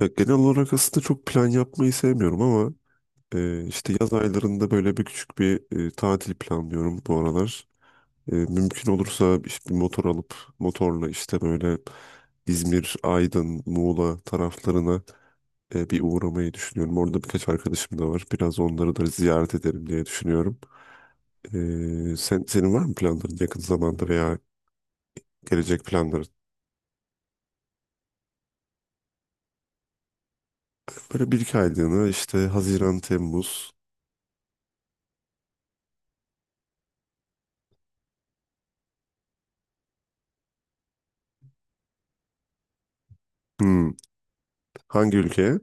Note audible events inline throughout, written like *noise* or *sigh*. Ya genel olarak aslında çok plan yapmayı sevmiyorum ama işte yaz aylarında böyle bir küçük tatil planlıyorum bu aralar. Mümkün olursa işte bir motor alıp motorla işte böyle İzmir, Aydın, Muğla taraflarına bir uğramayı düşünüyorum. Orada birkaç arkadaşım da var. Biraz onları da ziyaret ederim diye düşünüyorum. Senin var mı planların yakın zamanda veya gelecek planların? Böyle bir iki aylığına işte Haziran, Temmuz. Hmm. Hangi ülkeye?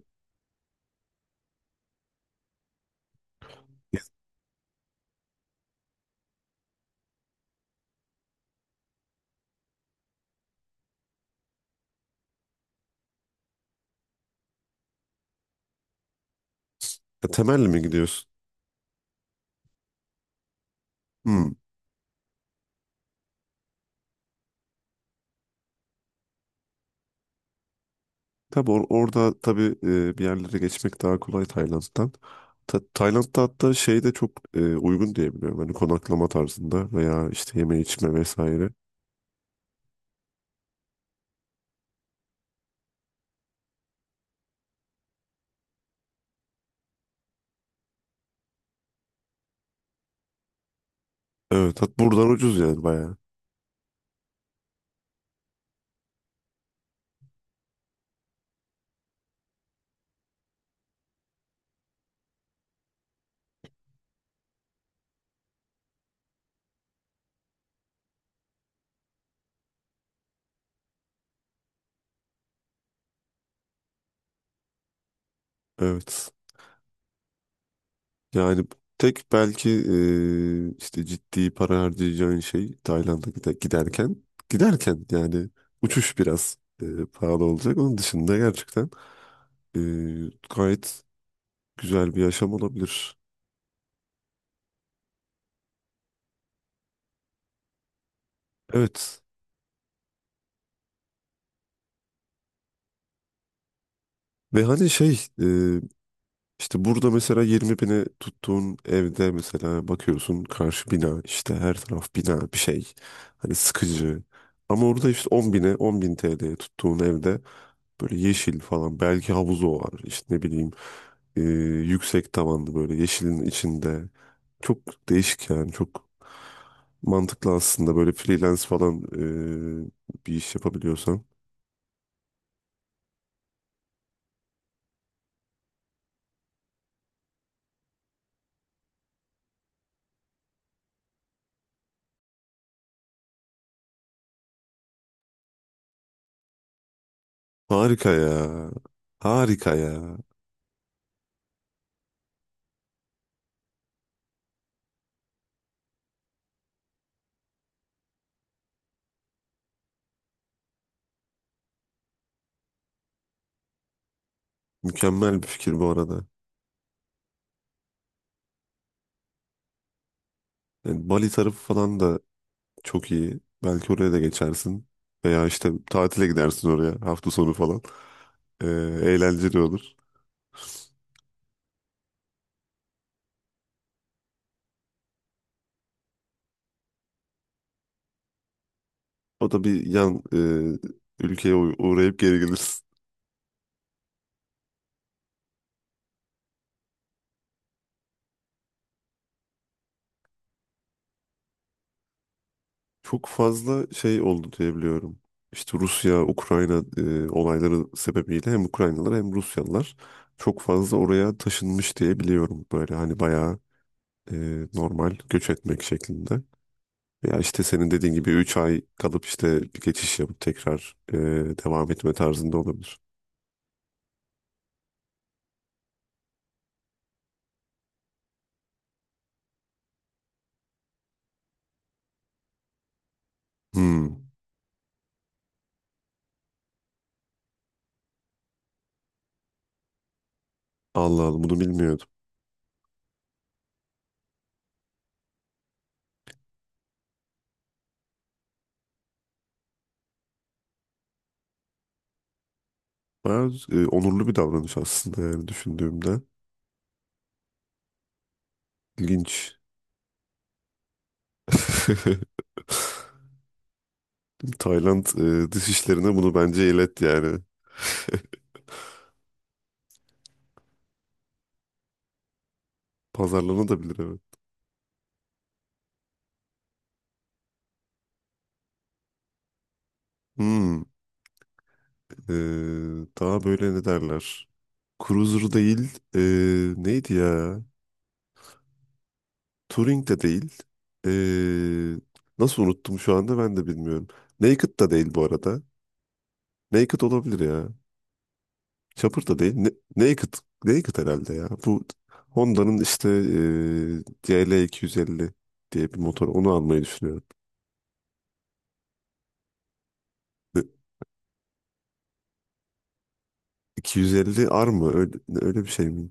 Temelli mi gidiyorsun? Hmm. Tabii orada tabii, bir yerlere geçmek daha kolay Tayland'dan. Tayland'da hatta şey de çok uygun diye biliyorum. Hani konaklama tarzında veya işte yeme içme vesaire. Evet, hat buradan ucuz yani bayağı. Evet. Yani tek belki, işte ciddi para harcayacağın şey Tayland'a giderken yani uçuş biraz, pahalı olacak. Onun dışında gerçekten, e, gayet güzel bir yaşam olabilir. Evet. Ve hani şey, işte burada mesela 20 bine tuttuğun evde mesela bakıyorsun karşı bina, işte her taraf bina bir şey, hani sıkıcı. Ama orada işte 10 bine 10 bin TL'ye tuttuğun evde böyle yeşil falan belki havuzu var, işte ne bileyim, e, yüksek tavanlı böyle yeşilin içinde çok değişik yani çok mantıklı aslında böyle freelance falan, bir iş yapabiliyorsan. Harika ya, harika ya, mükemmel bir fikir bu arada. Yani Bali tarafı falan da çok iyi. Belki oraya da geçersin. Veya işte tatile gidersin oraya hafta sonu falan. Ee, Eğlenceli olur. O da bir yan, ülkeye uğrayıp geri gelirsin. Çok fazla şey oldu diyebiliyorum. İşte Rusya, Ukrayna olayları sebebiyle hem Ukraynalılar hem Rusyalılar çok fazla oraya taşınmış diye biliyorum. Böyle hani bayağı normal göç etmek şeklinde. Ya işte senin dediğin gibi 3 ay kalıp işte bir geçiş yapıp tekrar devam etme tarzında olabilir. Hmm. Allah Allah, bunu bilmiyordum. Bayağı onurlu bir davranış aslında yani düşündüğümde. İlginç. *laughs* Tayland dış işlerine bunu bence ilet yani. Pazarlanabilir, evet. Hmm. E, Daha böyle ne derler? Cruiser değil. Neydi ya? Turing de değil. Ee, Nasıl unuttum şu anda ben de bilmiyorum. Naked da değil bu arada. Naked olabilir ya. Chopper da değil. Naked. Naked herhalde ya. Bu Honda'nın işte, CL250 diye bir motor. Onu almayı düşünüyorum. Ne- 250 R mı? Öyle bir şey mi?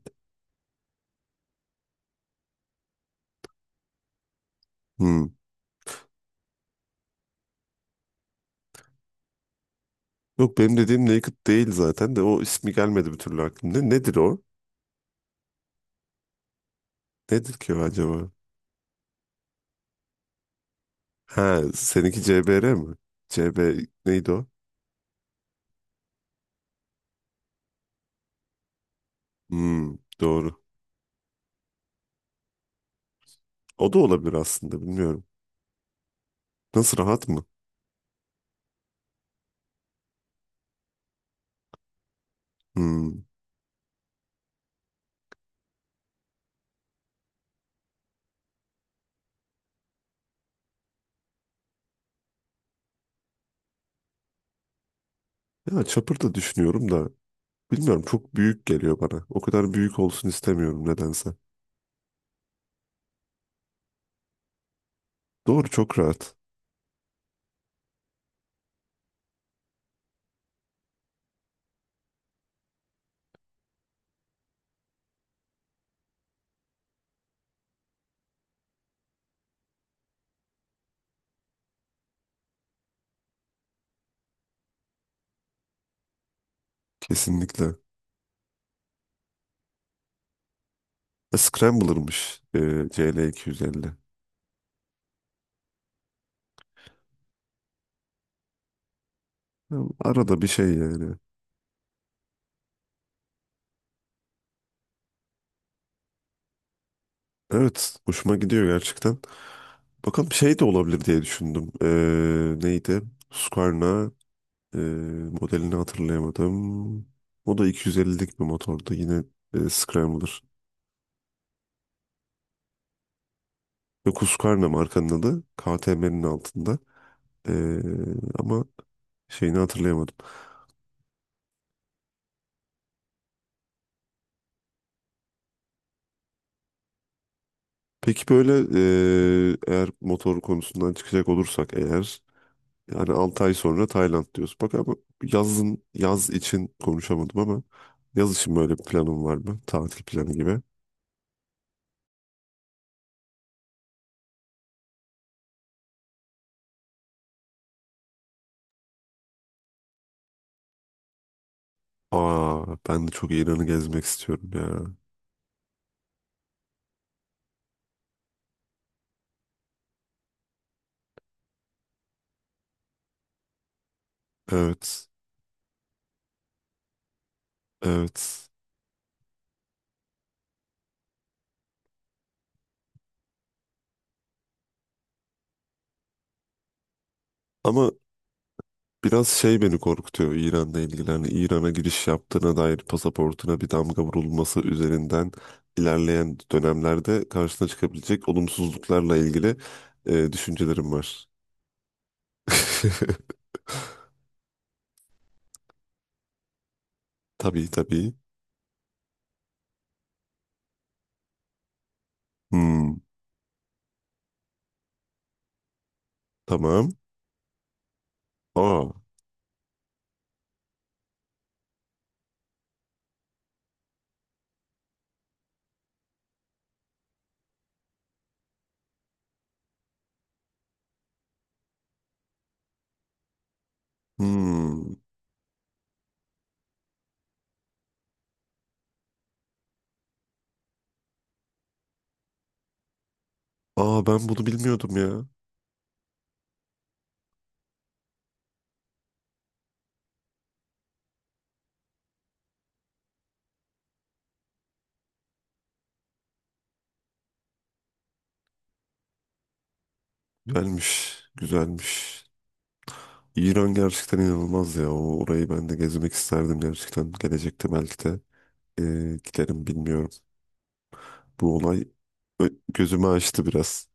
Hmm. Yok, benim dediğim Naked değil zaten de o ismi gelmedi bir türlü aklımda. Nedir o? Nedir ki o acaba? Ha, seninki CBR mi? CB neydi o? Hmm, doğru. O da olabilir aslında, bilmiyorum. Nasıl, rahat mı? Hmm. Ya çapır da düşünüyorum da bilmiyorum, çok büyük geliyor bana. O kadar büyük olsun istemiyorum nedense. Doğru, çok rahat. Kesinlikle. Scrambler'mış, CL250. Ya, arada bir şey yani. Evet, hoşuma gidiyor gerçekten. Bakalım, şey de olabilir diye düşündüm. Neydi? Husqvarna e, modelini hatırlayamadım. O da 250'lik bir motordu. Yine Scrambler. Ve Kuskarna markanın adı KTM'nin altında. Ee, Ama şeyini hatırlayamadım. Peki böyle, eğer motor konusundan çıkacak olursak eğer yani 6 ay sonra Tayland diyoruz. Bak ama yazın, yaz için konuşamadım ama yaz için böyle bir planım var mı? Tatil planı gibi. Aa, ben de çok İran'ı gezmek istiyorum ya. Evet. Evet. Ama biraz şey beni korkutuyor İran'la ilgili. Hani İran'a giriş yaptığına dair pasaportuna bir damga vurulması üzerinden ilerleyen dönemlerde karşına çıkabilecek olumsuzluklarla ilgili düşüncelerim var. *laughs* Tabii, tabii. Hmm, tamam. Aa, hmm. Aa, ben bunu bilmiyordum ya. Güzelmiş, güzelmiş. İran gerçekten inanılmaz ya. Orayı ben de gezmek isterdim gerçekten. Gelecekte belki de, e, giderim bilmiyorum. Bu olay gözümü açtı biraz.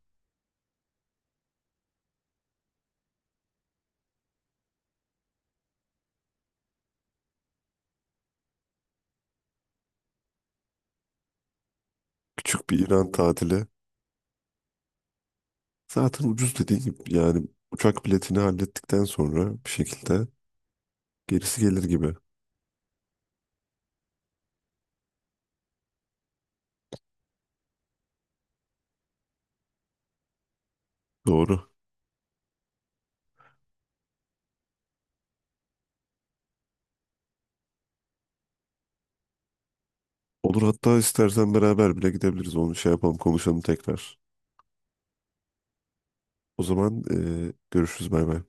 Küçük bir İran tatili. Zaten ucuz, dediğin gibi yani uçak biletini hallettikten sonra bir şekilde gerisi gelir gibi. Doğru. Olur, hatta istersen beraber bile gidebiliriz. Onu şey yapalım, konuşalım tekrar. O zaman, görüşürüz, bay bay.